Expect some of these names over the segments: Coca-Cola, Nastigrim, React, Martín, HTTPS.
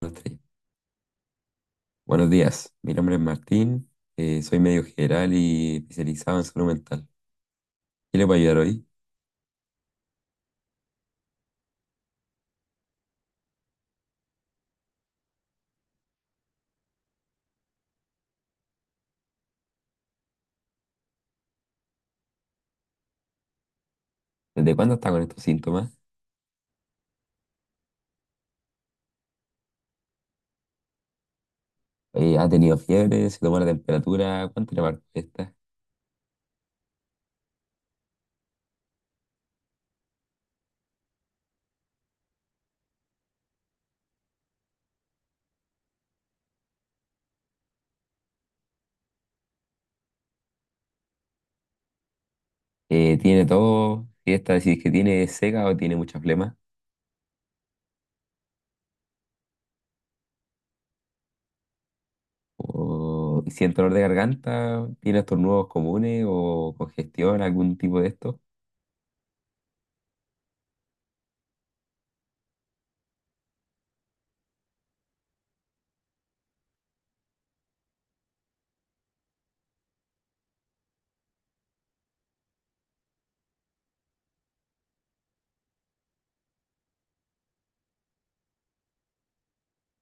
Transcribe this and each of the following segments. Uno, tres. Buenos días, mi nombre es Martín, soy médico general y especializado en salud mental. ¿Qué le puedo ayudar hoy? ¿Desde cuándo está con estos síntomas? ¿Ha tenido fiebre? ¿Se tomó la temperatura? ¿Cuánto le marcó esta? ¿Tiene todo? ¿Si esta decís que tiene seca o tiene mucha flema? ¿O siente dolor de garganta? ¿Tiene estornudos comunes o congestión, algún tipo de esto?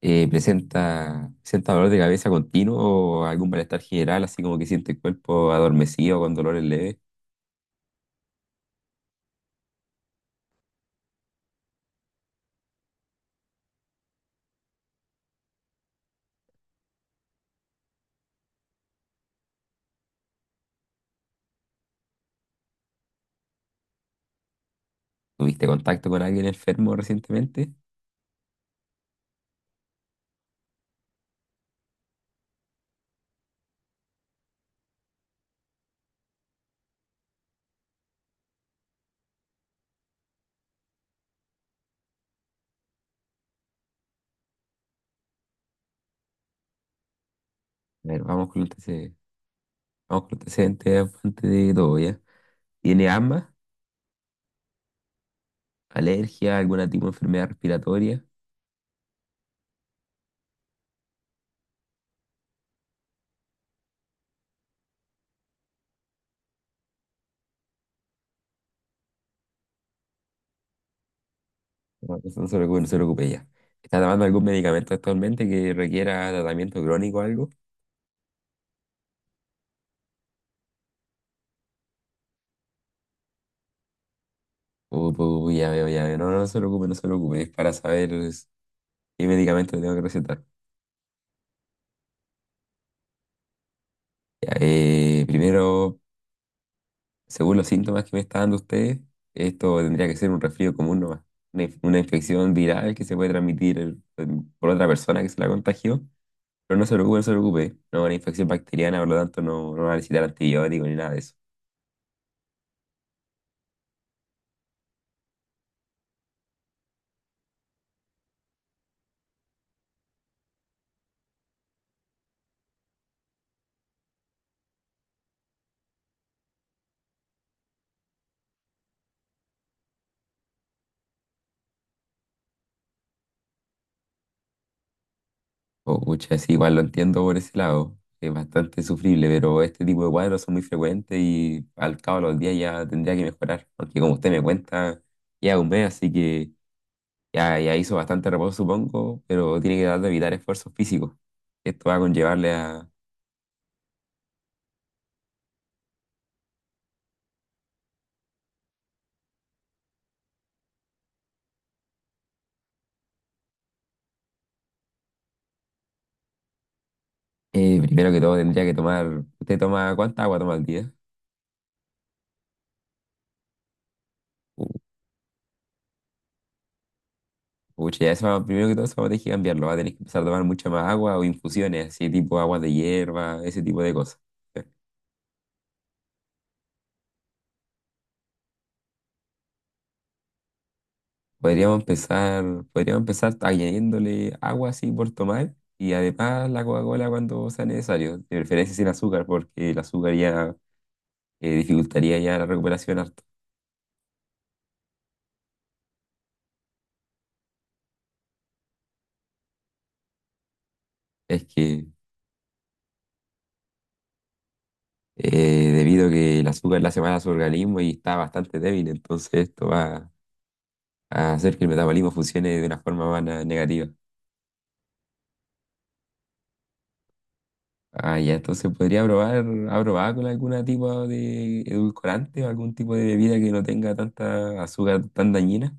Eh, presenta dolor de cabeza continuo o algún malestar general, así como que siente el cuerpo adormecido con dolores leves? ¿Tuviste contacto con alguien enfermo recientemente? A ver, vamos con los antecedentes. Vamos con los antecedentes antes de todo, ¿ya? ¿Tiene asma, alergia, alguna tipo de enfermedad respiratoria? No, eso no se preocupe, no se preocupe ya. ¿Está tomando algún medicamento actualmente que requiera tratamiento crónico o algo? Ya veo, ya veo. No, no se preocupe, no se preocupe. Es para saber es, qué medicamento le tengo que recetar. Ya, primero. Según los síntomas que me está dando ustedes, esto tendría que ser un resfrío común nomás. Una, una infección viral que se puede transmitir por otra persona que se la contagió. Pero no se preocupe, no se preocupe. No, una infección bacteriana, por lo tanto, no, no va a necesitar antibióticos ni nada de eso. Oh, pucha, sí, igual lo entiendo por ese lado. Es bastante sufrible, pero este tipo de cuadros son muy frecuentes y al cabo de los días ya tendría que mejorar. Porque como usted me cuenta, ya un mes, así que ya, ya hizo bastante reposo, supongo, pero tiene que tratar de evitar esfuerzos físicos. Esto va a conllevarle a... primero que todo tendría que tomar... ¿Usted toma cuánta agua toma al día? U- Pucha, ya primero que todo eso va a tener que cambiarlo. Va a tener que empezar a tomar mucha más agua o infusiones, así tipo agua de hierba, ese tipo de cosas. Podríamos empezar, podríamos empezar añadiéndole agua así por tomar y además la Coca-Cola cuando sea necesario, de preferencia sin azúcar, porque el azúcar ya dificultaría ya la recuperación harto. Es que debido a que el azúcar le hace mal a su organismo y está bastante débil, entonces esto va a hacer que el metabolismo funcione de una forma más negativa. Ah, ya, entonces podría probar, ¿ha probado con algún tipo de edulcorante o algún tipo de bebida que no tenga tanta azúcar tan dañina?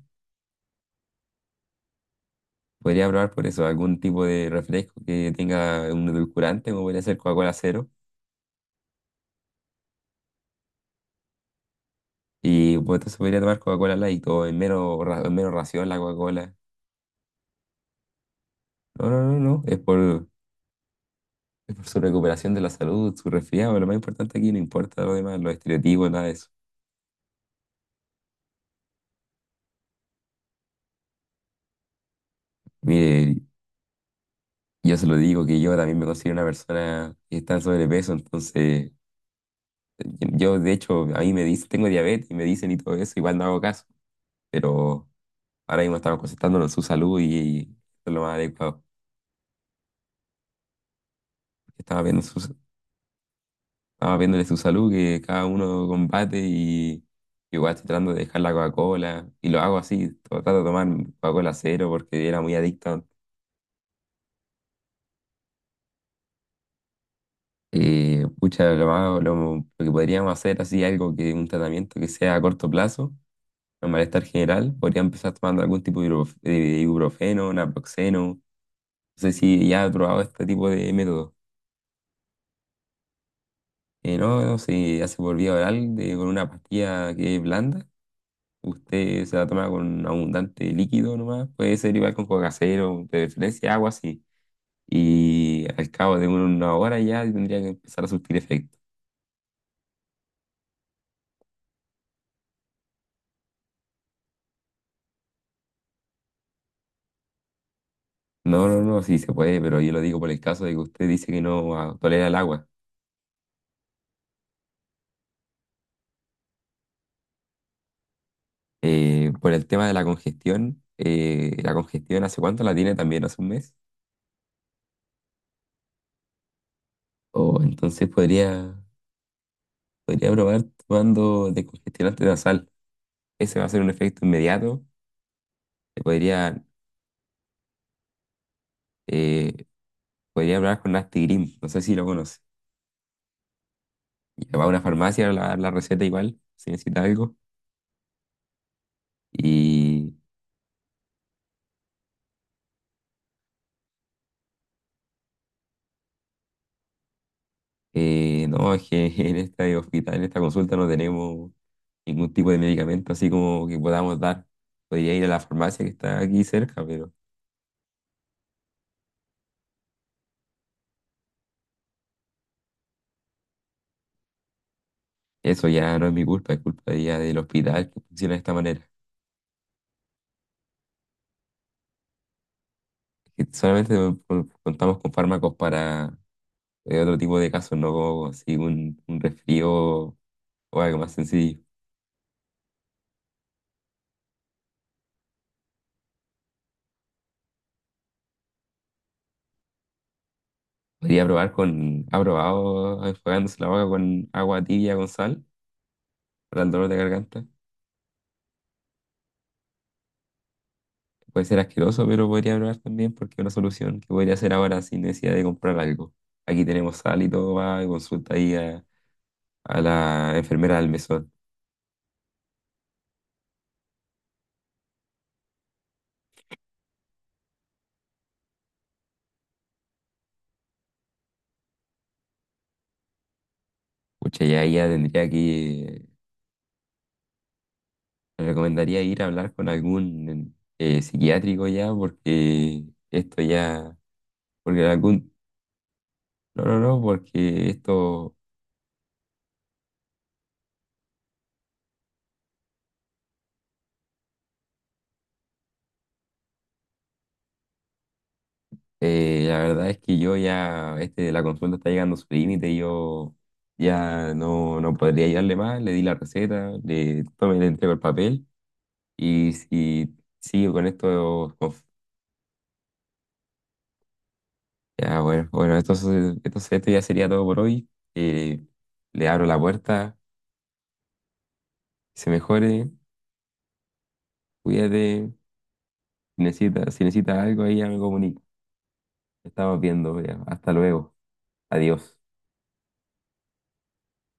Podría probar por eso, algún tipo de refresco que tenga un edulcorante, como podría ser Coca-Cola cero. Y pues entonces podría tomar Coca-Cola light o en menos, en menos ración la Coca-Cola. No, no, no, no. Es por, es por su recuperación de la salud, su resfriado, pero lo más importante aquí no importa lo demás, los estereotipos, nada de eso. Mire, yo se lo digo que yo también me considero una persona que está en sobrepeso, entonces yo de hecho a mí me dicen, tengo diabetes y me dicen y todo eso, igual no hago caso, pero ahora mismo estamos concentrándonos en su salud y, eso es lo más adecuado. Estaba viendo su, estaba viéndole su salud, que cada uno combate y igual estoy tratando de dejar la Coca-Cola y lo hago así, trato de tomar Coca-Cola cero porque era muy adicto. Pucha, lo que podríamos hacer así algo que un tratamiento que sea a corto plazo, un malestar general, podría empezar tomando algún tipo de ibuprofeno, naproxeno, no sé si ya has probado este tipo de método. No, no sé, hace por vía oral con una pastilla que es blanda, usted se la toma con abundante líquido nomás, puede ser igual con coca cero, de preferencia agua así, y al cabo de una hora ya tendría que empezar a surtir efecto. No, no, no, sí se puede, pero yo lo digo por el caso de que usted dice que no tolera el agua. Por el tema de la congestión hace cuánto la tiene también, hace un mes. O entonces podría, podría probar tomando descongestionante nasal. Ese va a ser un efecto inmediato. Le podría, eh, podría hablar con Nastigrim, no sé si lo conoce. Y va a una farmacia, le va a dar la receta igual, si necesita algo. Y no, es que en esta hospital, en esta consulta no tenemos ningún tipo de medicamento así como que podamos dar. Podría ir a la farmacia que está aquí cerca, pero eso ya no es mi culpa, es culpa ya del hospital que funciona de esta manera. Que solamente contamos con fármacos para otro tipo de casos, no como así un resfrío o algo más sencillo. Podría probar con, ha probado enjuagándose la boca con agua tibia con sal para el dolor de garganta. Puede ser asqueroso, pero podría probar también porque es una solución que podría hacer ahora sin necesidad de comprar algo. Aquí tenemos sal y todo, va, y consulta ahí a la enfermera del mesón. Pucha, ya ya tendría que, le recomendaría ir a hablar con algún psiquiátrico ya, porque esto ya, porque algún, no, no, no, porque esto, la verdad es que yo ya, este, la consulta está llegando a su límite y yo ya no, no podría ayudarle más, le di la receta, le, tome, le entrego el papel. Y sí, con esto, uf, ya bueno, bueno, esto ya sería todo por hoy. Eh, le abro la puerta, que se mejore, cuídate, si necesitas algo ahí ya me comunico. Estamos viendo, ya. Hasta luego, adiós.